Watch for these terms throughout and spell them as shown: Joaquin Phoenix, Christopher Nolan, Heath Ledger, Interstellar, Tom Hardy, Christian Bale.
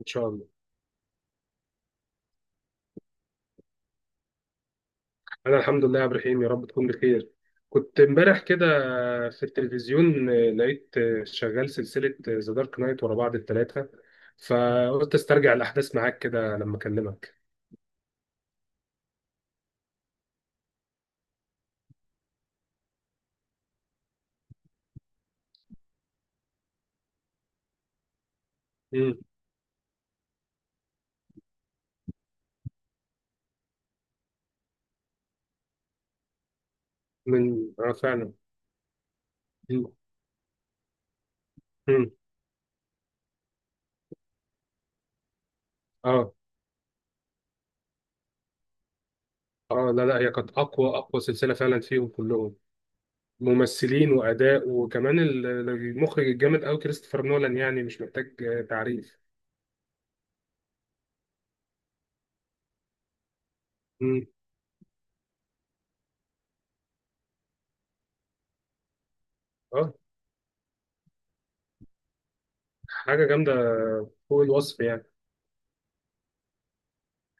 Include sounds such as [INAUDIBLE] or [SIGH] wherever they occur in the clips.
ان شاء الله. انا الحمد لله يا عبد الرحيم، يا رب تكون بخير. كنت امبارح كده في التلفزيون، لقيت شغال سلسلة ذا دارك نايت ورا بعض الثلاثة، فقلت استرجع الاحداث معاك كده لما اكلمك. مم. من اه فعلا. مم. مم. اه اه لا لا هي كانت اقوى اقوى سلسلة فعلا فيهم كلهم، ممثلين واداء، وكمان المخرج الجامد قوي كريستوفر نولان، يعني مش محتاج تعريف. مم. اه، حاجة جامدة فوق الوصف يعني.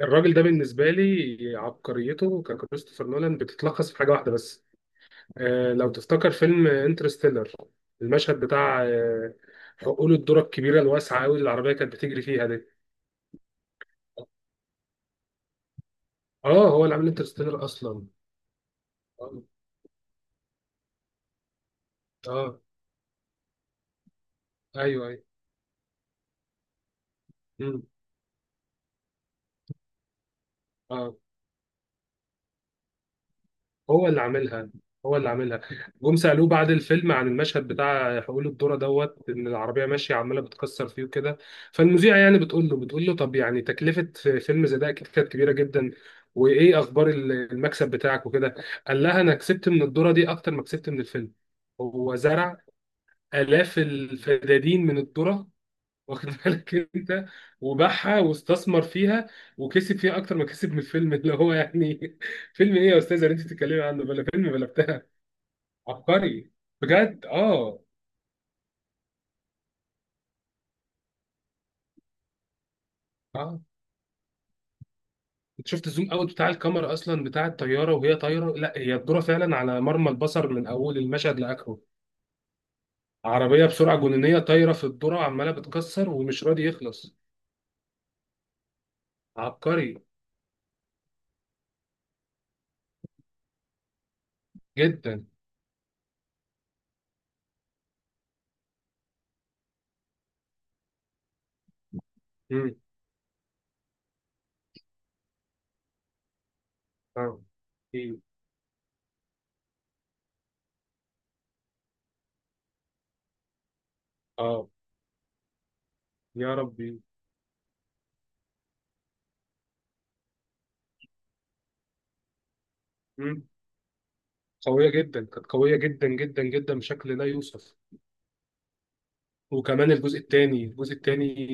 الراجل ده بالنسبة لي عبقريته ككريستوفر نولان بتتلخص في حاجة واحدة بس. لو تفتكر فيلم انترستيلر، المشهد بتاع حقول الذرة الكبيرة الواسعة أوي اللي العربية كانت بتجري فيها دي. اه، هو اللي عامل انترستيلر أصلا. اه. آه. ايوه ايوه. مم. اه، هو اللي عاملها، هو اللي عاملها. جم سألوه بعد الفيلم عن المشهد بتاع حقول الذرة دوت ان العربية ماشية عمالة بتكسر فيه وكده، فالمذيعة يعني بتقول له طب يعني تكلفة فيلم زي ده اكيد كانت كبيرة جدا، وايه اخبار المكسب بتاعك وكده. قال لها انا كسبت من الذرة دي اكتر ما كسبت من الفيلم. هو زرع آلاف الفدادين من الذرة، واخد بالك انت، وباعها واستثمر فيها وكسب فيها اكتر ما كسب من الفيلم. [LAUGHS] اللي هو يعني [LAUGHS] فيلم ايه يا استاذه اللي انت بتتكلمي عنه، بلا فيلم بلا بتاع. عبقري بجد. اه اه. انت شفت الزوم اوت بتاع الكاميرا اصلا بتاع الطياره وهي طايره؟ لا، هي الذره فعلا على مرمى البصر من اول المشهد لاخره. عربيه بسرعه جنونيه طايره في الذره وعماله بتكسر ومش راضي يخلص. عبقري جدا. امم. اه، ايه. اه. يا ربي. قوية جدا، كانت قوية جدا جدا جدا بشكل لا يوصف. وكمان الجزء الثاني، الجزء الثاني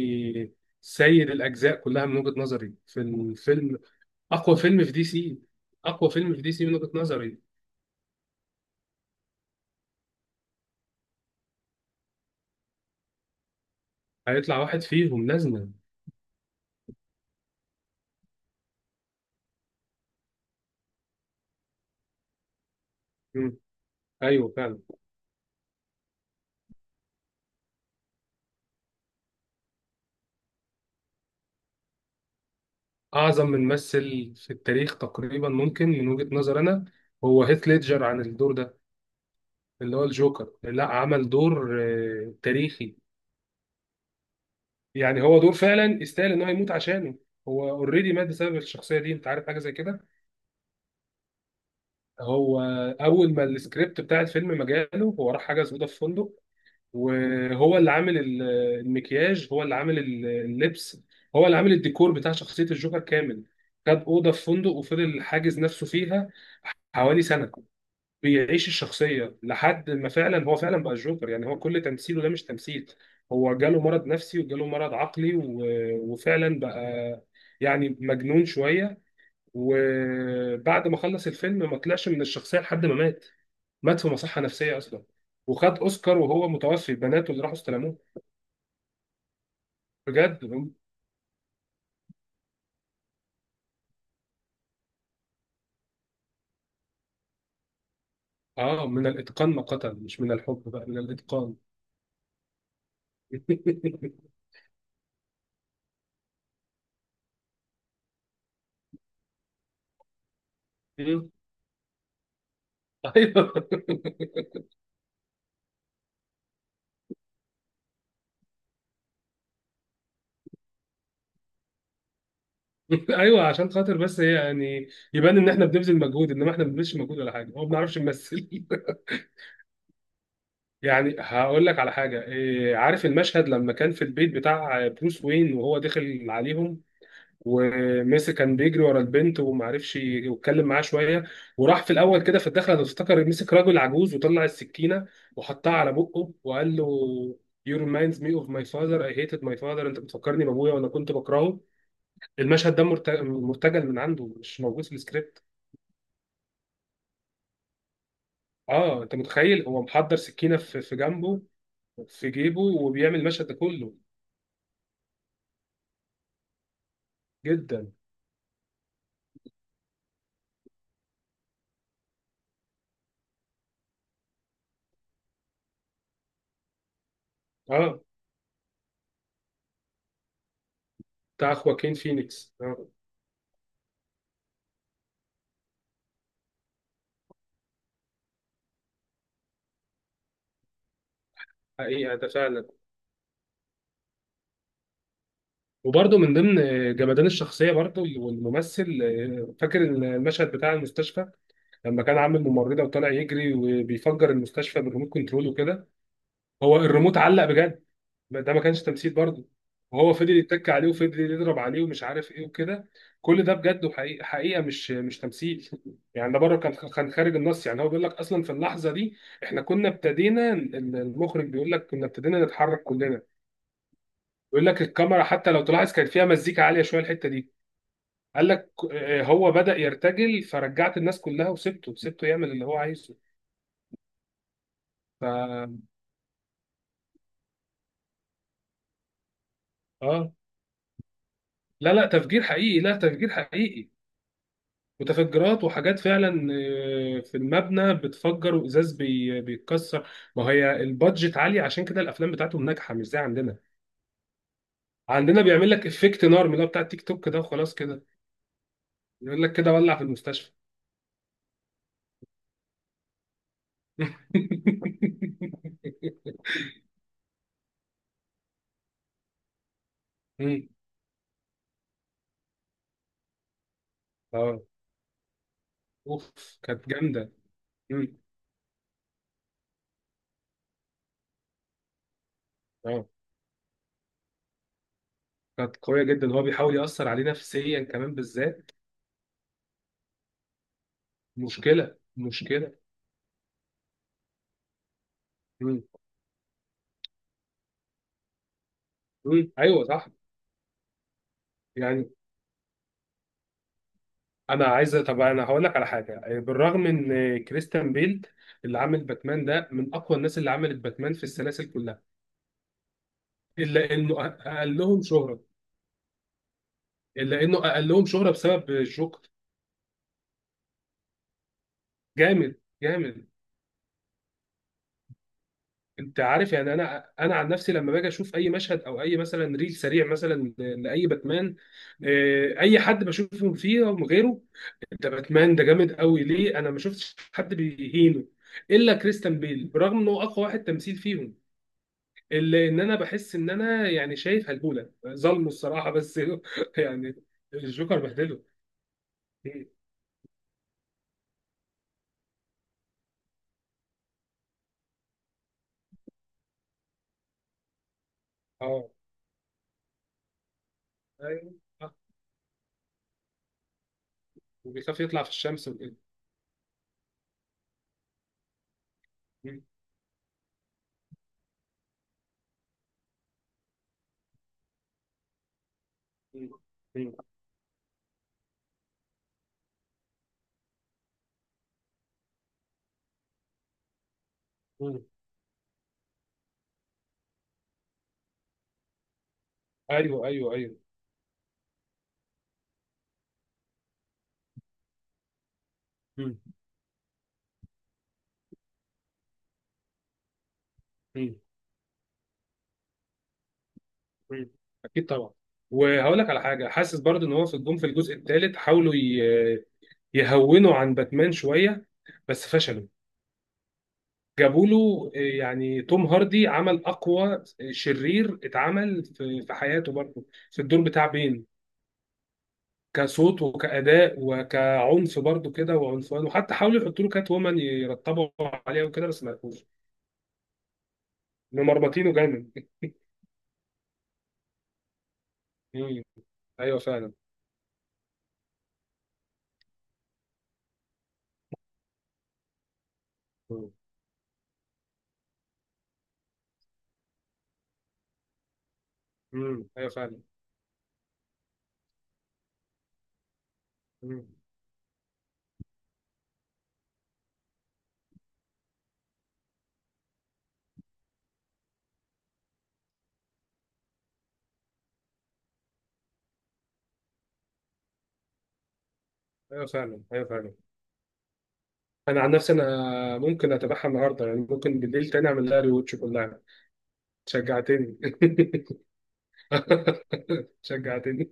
سيد الأجزاء كلها من وجهة نظري في الفيلم. أقوى فيلم في دي سي، أقوى فيلم في دي سي من وجهة نظري. هيطلع واحد فيهم لازما. مم. أيوه فعلا. أعظم ممثل في التاريخ تقريبا ممكن من وجهة نظر أنا، هو هيث ليدجر عن الدور ده، اللي هو الجوكر. لا، عمل دور تاريخي. يعني هو دور فعلا يستاهل ان هو يموت عشانه. هو اوريدي مات بسبب الشخصيه دي، انت عارف حاجه زي كده. هو اول ما السكريبت بتاع الفيلم ما جاله، هو راح حجز اوضه في فندق، وهو اللي عامل المكياج، هو اللي عامل اللبس، هو اللي عامل الديكور بتاع شخصيه الجوكر كامل. خد اوضه في فندق وفضل حاجز نفسه فيها حوالي سنه، بيعيش الشخصية لحد ما فعلا هو فعلا بقى الجوكر. يعني هو كل تمثيله ده مش تمثيل، هو جاله مرض نفسي وجاله مرض عقلي وفعلا بقى يعني مجنون شوية. وبعد ما خلص الفيلم ما طلعش من الشخصية لحد ما مات، مات في مصحة نفسية أصلا، وخد أوسكار وهو متوفي، بناته اللي راحوا استلموه. بجد. من الإتقان ما قتل، مش من الحب بقى، من الإتقان. [LAUGHS] أيوه. [LAUGHS] ايوه، عشان خاطر بس هي يعني يبان ان احنا بنبذل مجهود، انما احنا ما بنبذلش مجهود ولا حاجه، هو ما بنعرفش نمثل. [LAUGHS] يعني هقول لك على حاجه، إيه، عارف المشهد لما كان في البيت بتاع بروس وين وهو داخل عليهم وميسي كان بيجري ورا البنت وما عرفش يتكلم معاه شويه، وراح في الاول كده في الدخله افتكر مسك راجل عجوز وطلع السكينه وحطها على بقه وقال له: "You reminds me of my father I hated my father"، انت بتفكرني بابويا وانا كنت بكرهه. المشهد ده مرتجل من عنده، مش موجود في السكريبت. اه، انت متخيل؟ هو محضر سكينه في جنبه، في جيبه وبيعمل المشهد ده كله. جدا. اه، بتاع خواكين فينيكس. اه. حقيقه ده فعلا، وبرده من ضمن جمدان الشخصيه برده والممثل، فاكر المشهد بتاع المستشفى؟ لما كان عامل ممرضه وطالع يجري وبيفجر المستشفى بالريموت كنترول وكده. هو الريموت علق بجد، ما ده ما كانش تمثيل برضه، وهو فضل يتك عليه وفضل يضرب عليه ومش عارف ايه وكده. كل ده بجد وحقيقة حقيقة مش تمثيل. [LAUGHS] يعني ده بره، كان خارج النص. يعني هو بيقول لك اصلا في اللحظة دي احنا كنا ابتدينا، المخرج بيقول لك كنا ابتدينا نتحرك كلنا، بيقول لك الكاميرا حتى لو تلاحظ كان فيها مزيكا عالية شوية الحتة دي. قال لك هو بدأ يرتجل، فرجعت الناس كلها وسبته سبته يعمل اللي هو عايزه. ف اه، لا لا، تفجير حقيقي، لا تفجير حقيقي، متفجرات وحاجات فعلا في المبنى بتفجر، وازاز بيتكسر. ما هي البادجت عاليه، عشان كده الافلام بتاعتهم ناجحه مش زي عندنا. عندنا بيعمل لك افكت نار من اللي هو بتاع التيك توك ده، وخلاص كده، يقول لك كده ولع في المستشفى. [LAUGHS] مم. اه، اوف. كانت جامده. مم. اه، كانت قويه جدا. هو بيحاول ياثر عليه نفسيا كمان بالذات. مشكله مشكله. مم. مم. ايوه صح. يعني انا عايز، طب انا هقول لك على حاجه، بالرغم ان كريستيان بيل اللي عامل باتمان ده من اقوى الناس اللي عملت باتمان في السلاسل كلها، الا انه اقلهم شهره، الا انه اقلهم شهره بسبب الجوكر. جامد جامد. انت عارف يعني، انا عن نفسي لما باجي اشوف اي مشهد او اي مثلا ريل سريع مثلا لاي باتمان، اي حد بشوفهم فيه غيره، ده باتمان ده جامد قوي ليه، انا ما شفتش حد بيهينه الا كريستيان بيل، برغم انه اقوى واحد تمثيل فيهم، اللي ان انا بحس ان انا يعني شايف هلبوله ظلمه الصراحه بس. [LAUGHS] يعني الجوكر بهدله. مم. اه. ايوه. آه. وبيخاف يطلع في الشمس وكده. مم. مم. مم. مم. ايوه ايوه ايوه. مم. مم. مم. اكيد طبعا. وهقول لك على حاجه، حاسس برضه ان هو في الجون في الجزء الثالث حاولوا يهونوا عن باتمان شويه، بس فشلوا. جابوا له يعني توم هاردي عمل اقوى شرير اتعمل في حياته برضه، في الدور بتاع بين، كصوت وكأداء وكعنف برضو كده وعنفوان، وحتى حاولوا يحطوا له كات وومن يرتبوا عليها وكده بس ما لقوش إنه مربطينه جامد. [LAUGHS] مم. ايوه فعلا. امم. ايوه فعلا. مم. ايوه فعلا. ايوه فعلا. انا عن نفسي انا ممكن اتابعها النهارده، يعني ممكن بالليل تاني اعمل لها ريوتش كلها. شجعتني. [LAUGHS] شجعتني.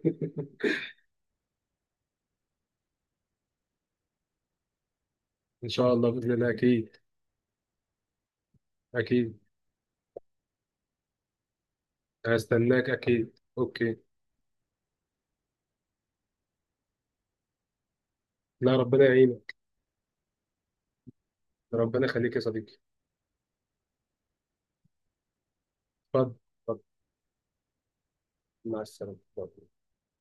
ان شاء الله، باذن الله، اكيد. اكيد هستناك، اكيد. اوكي. لا، ربنا يعينك. ربنا يخليك يا صديقي. اتفضل اتفضل. مع السلامة.